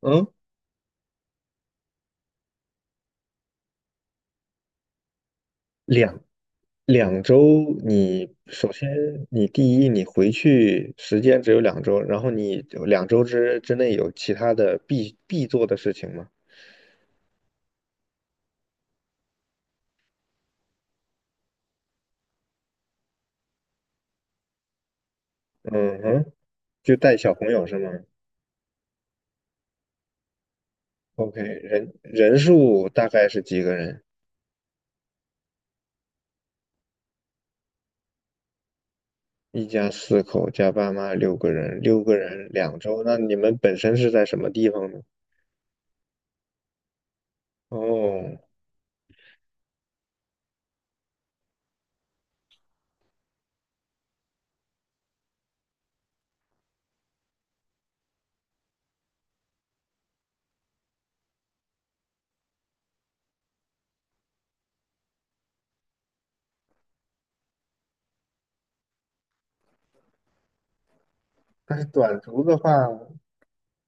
嗯，两两周你，首先你第一，你回去时间只有两周，然后你两周之内有其他的必做的事情吗？嗯哼，就带小朋友是吗？OK，人数大概是几个人？一家4口加爸妈六个人，六个人两周，那你们本身是在什么地方呢？哦，但是短途的话。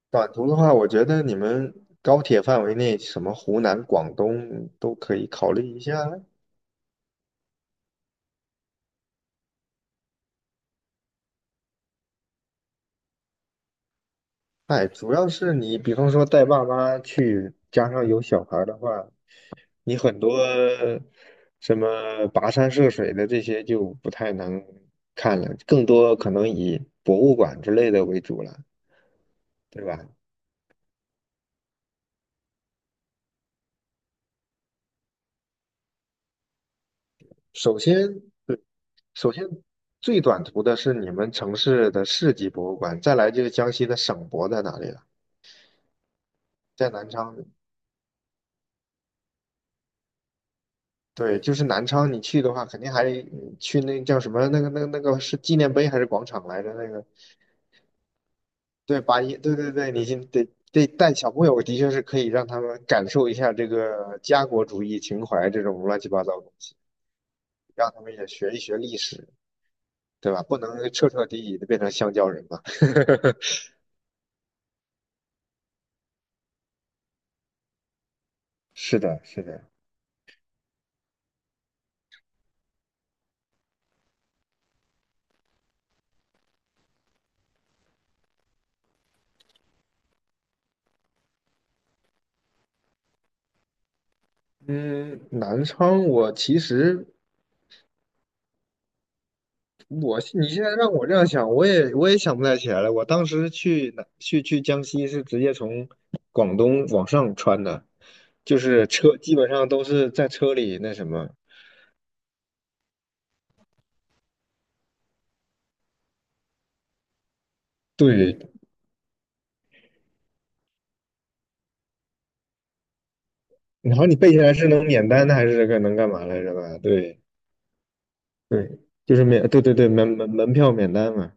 短途的话，我觉得你们高铁范围内，什么湖南、广东都可以考虑一下。哎，主要是你，比方说带爸妈去，加上有小孩儿的话，你很多什么跋山涉水的这些就不太能看了，更多可能以博物馆之类的为主了，对吧？首先，对，首先最短途的是你们城市的市级博物馆，再来就是江西的省博在哪里了，在南昌。对，就是南昌，你去的话，肯定还去那叫什么那个是纪念碑还是广场来着？那个对，八一对对对，你先得带小朋友，的确是可以让他们感受一下这个家国主义情怀这种乱七八糟的东西，让他们也学一学历史，对吧？不能彻彻底底的变成香蕉人嘛。是的，是的。嗯，南昌我其实你现在让我这样想，我也想不太起来了。我当时去哪去去江西是直接从广东往上穿的，就是车基本上都是在车里那什么。对，然后你背下来是能免单的还是个能干嘛来着吧？对对，就是免对对对门票免单嘛。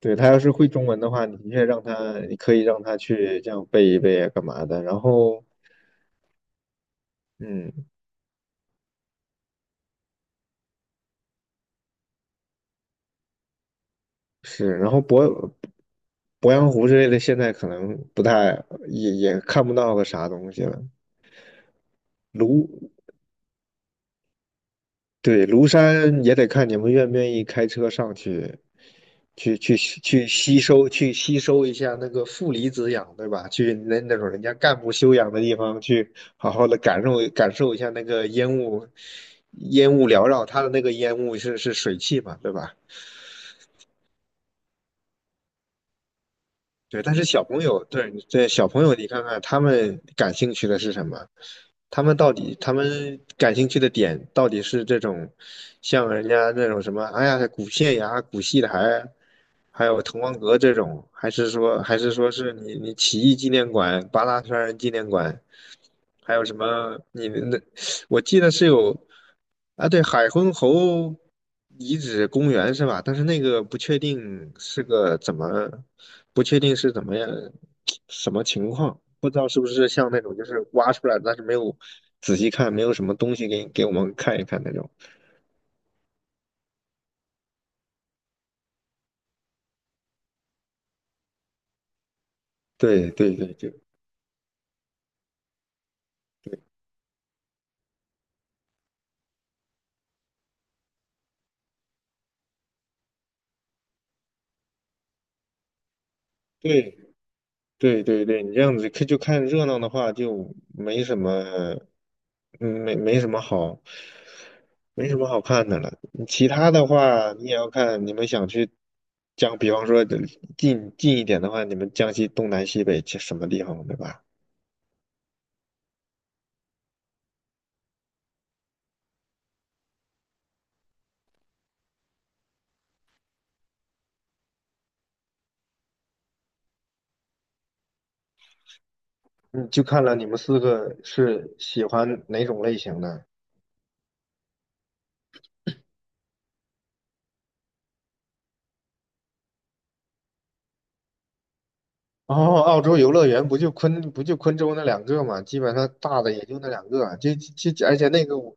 对他要是会中文的话，你的确你可以让他去这样背一背啊干嘛的。然后嗯，是，然后鄱阳湖之类的，现在可能不太也看不到个啥东西了。庐，对，庐山也得看你们愿不愿意开车上去，去吸收一下那个负离子氧，对吧？去那那种人家干部休养的地方，去好好的感受感受一下那个烟雾，烟雾缭绕，它的那个烟雾是水汽嘛，对吧？对，但是小朋友，对对，小朋友，你看看他们感兴趣的是什么？他们感兴趣的点到底是这种，像人家那种什么，哎呀，古县衙、古戏台，还有滕王阁这种，还是说，还是说是你起义纪念馆、八大山人纪念馆，还有什么？你们那，我记得是有，啊，对，海昏侯遗址公园是吧？但是那个不确定是个怎么。不确定是怎么样什么情况，不知道是不是像那种就是挖出来，但是没有仔细看，没有什么东西给我们看一看那种。对对对，就对对对对对，你这样子看就看热闹的话，就没什么，没什么好，没什么好看的了。其他的话，你也要看你们想去江，比方说近一点的话，你们江西东南西北去什么地方，对吧？嗯，就看了你们四个是喜欢哪种类型的。哦，澳洲游乐园不就昆州那两个嘛，基本上大的也就那两个啊。就就就而且那个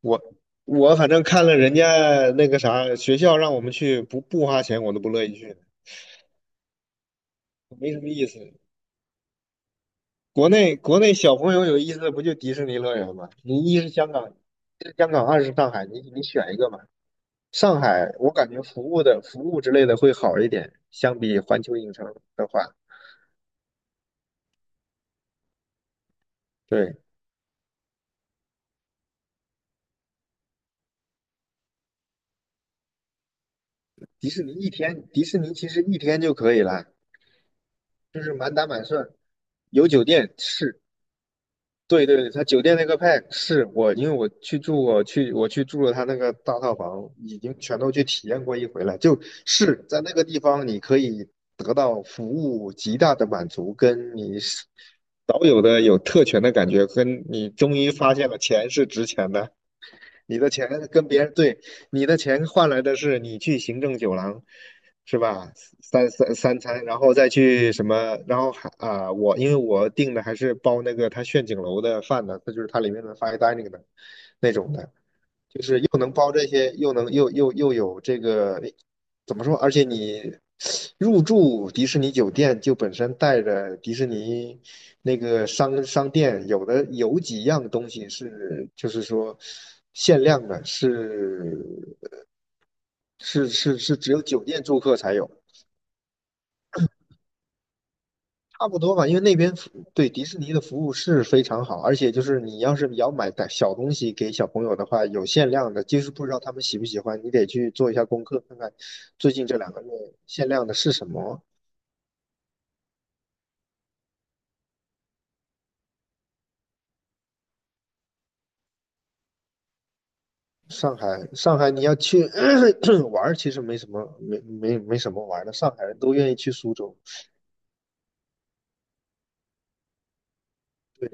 我我反正看了人家那个啥学校让我们去，不花钱我都不乐意去，没什么意思。国内小朋友有意思的不就迪士尼乐园吗？你一是香港，二是上海，你选一个嘛。上海我感觉服务之类的会好一点，相比环球影城的话。对，迪士尼其实一天就可以了，就是满打满算，有酒店是，对对对，他酒店那个 pack 是我，因为我去住过，我去住了他那个大套房，已经全都去体验过一回了，就是在那个地方你可以得到服务极大的满足，跟你是少有的有特权的感觉，跟你终于发现了钱是值钱的。你的钱跟别人对，你的钱换来的是你去行政酒廊，是吧？三餐，然后再去什么，然后还啊、我因为我订的还是包那个他炫景楼的饭的，它就是它里面的 fine dining 的那种的，就是又能包这些，又能又又又有这个怎么说？而且你入住迪士尼酒店就本身带着迪士尼那个商店，有的有几样东西是就是说限量的，是只有酒店住客才有。差不多吧，因为那边服对迪士尼的服务是非常好，而且就是你要是要买的小东西给小朋友的话，有限量的，就是不知道他们喜不喜欢，你得去做一下功课，看看最近这2个月限量的是什么。上海，上海你要去 玩儿，其实没什么，没什么玩儿的，上海人都愿意去苏州。对，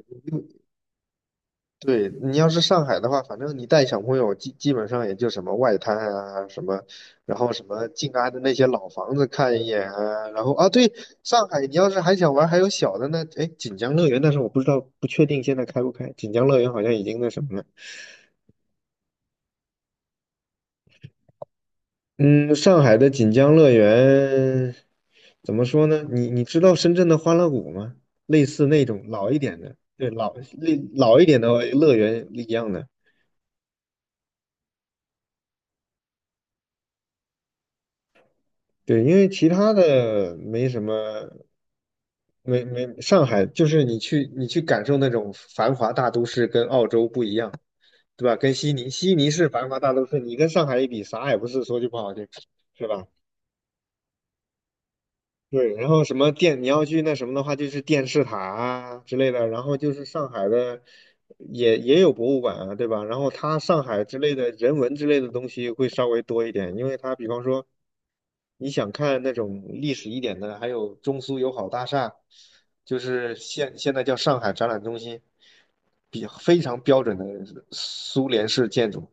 对，你要是上海的话，反正你带小朋友基本上也就什么外滩啊，什么，然后什么静安的那些老房子看一眼啊，然后啊，对，上海你要是还想玩还有小的呢，哎，锦江乐园，但是我不知道不确定现在开不开，锦江乐园好像已经那什么了。嗯，上海的锦江乐园怎么说呢？你知道深圳的欢乐谷吗？类似那种老一点的，对，老一点的乐园一样的。对，因为其他的没什么，没没，上海就是你去感受那种繁华大都市，跟澳洲不一样，对吧？跟悉尼，悉尼是繁华大都市，你跟上海一比，啥也不是，说句不好听，是吧？对，然后什么电，你要去那什么的话，就是电视塔啊之类的，然后就是上海的也有博物馆啊，对吧？然后它上海之类的人文之类的东西会稍微多一点，因为它比方说你想看那种历史一点的，还有中苏友好大厦，就是现在叫上海展览中心，比非常标准的苏联式建筑，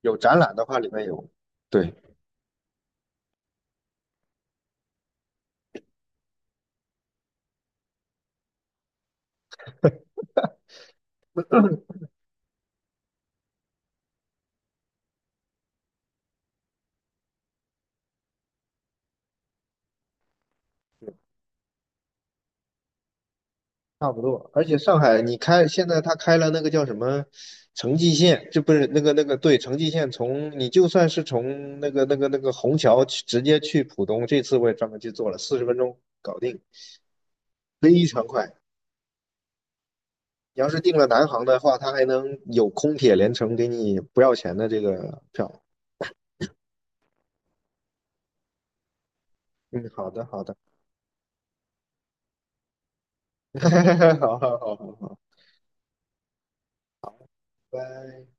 有展览的话里面有，对。差不多，而且上海你开现在他开了那个叫什么城际线，这不是那个对城际线从你就算是从那个虹桥去直接去浦东，这次我也专门去做了，40分钟搞定，非常快。你要是订了南航的话，他还能有空铁连程给你不要钱的这个票。嗯，好的好的，好好好好好，拜。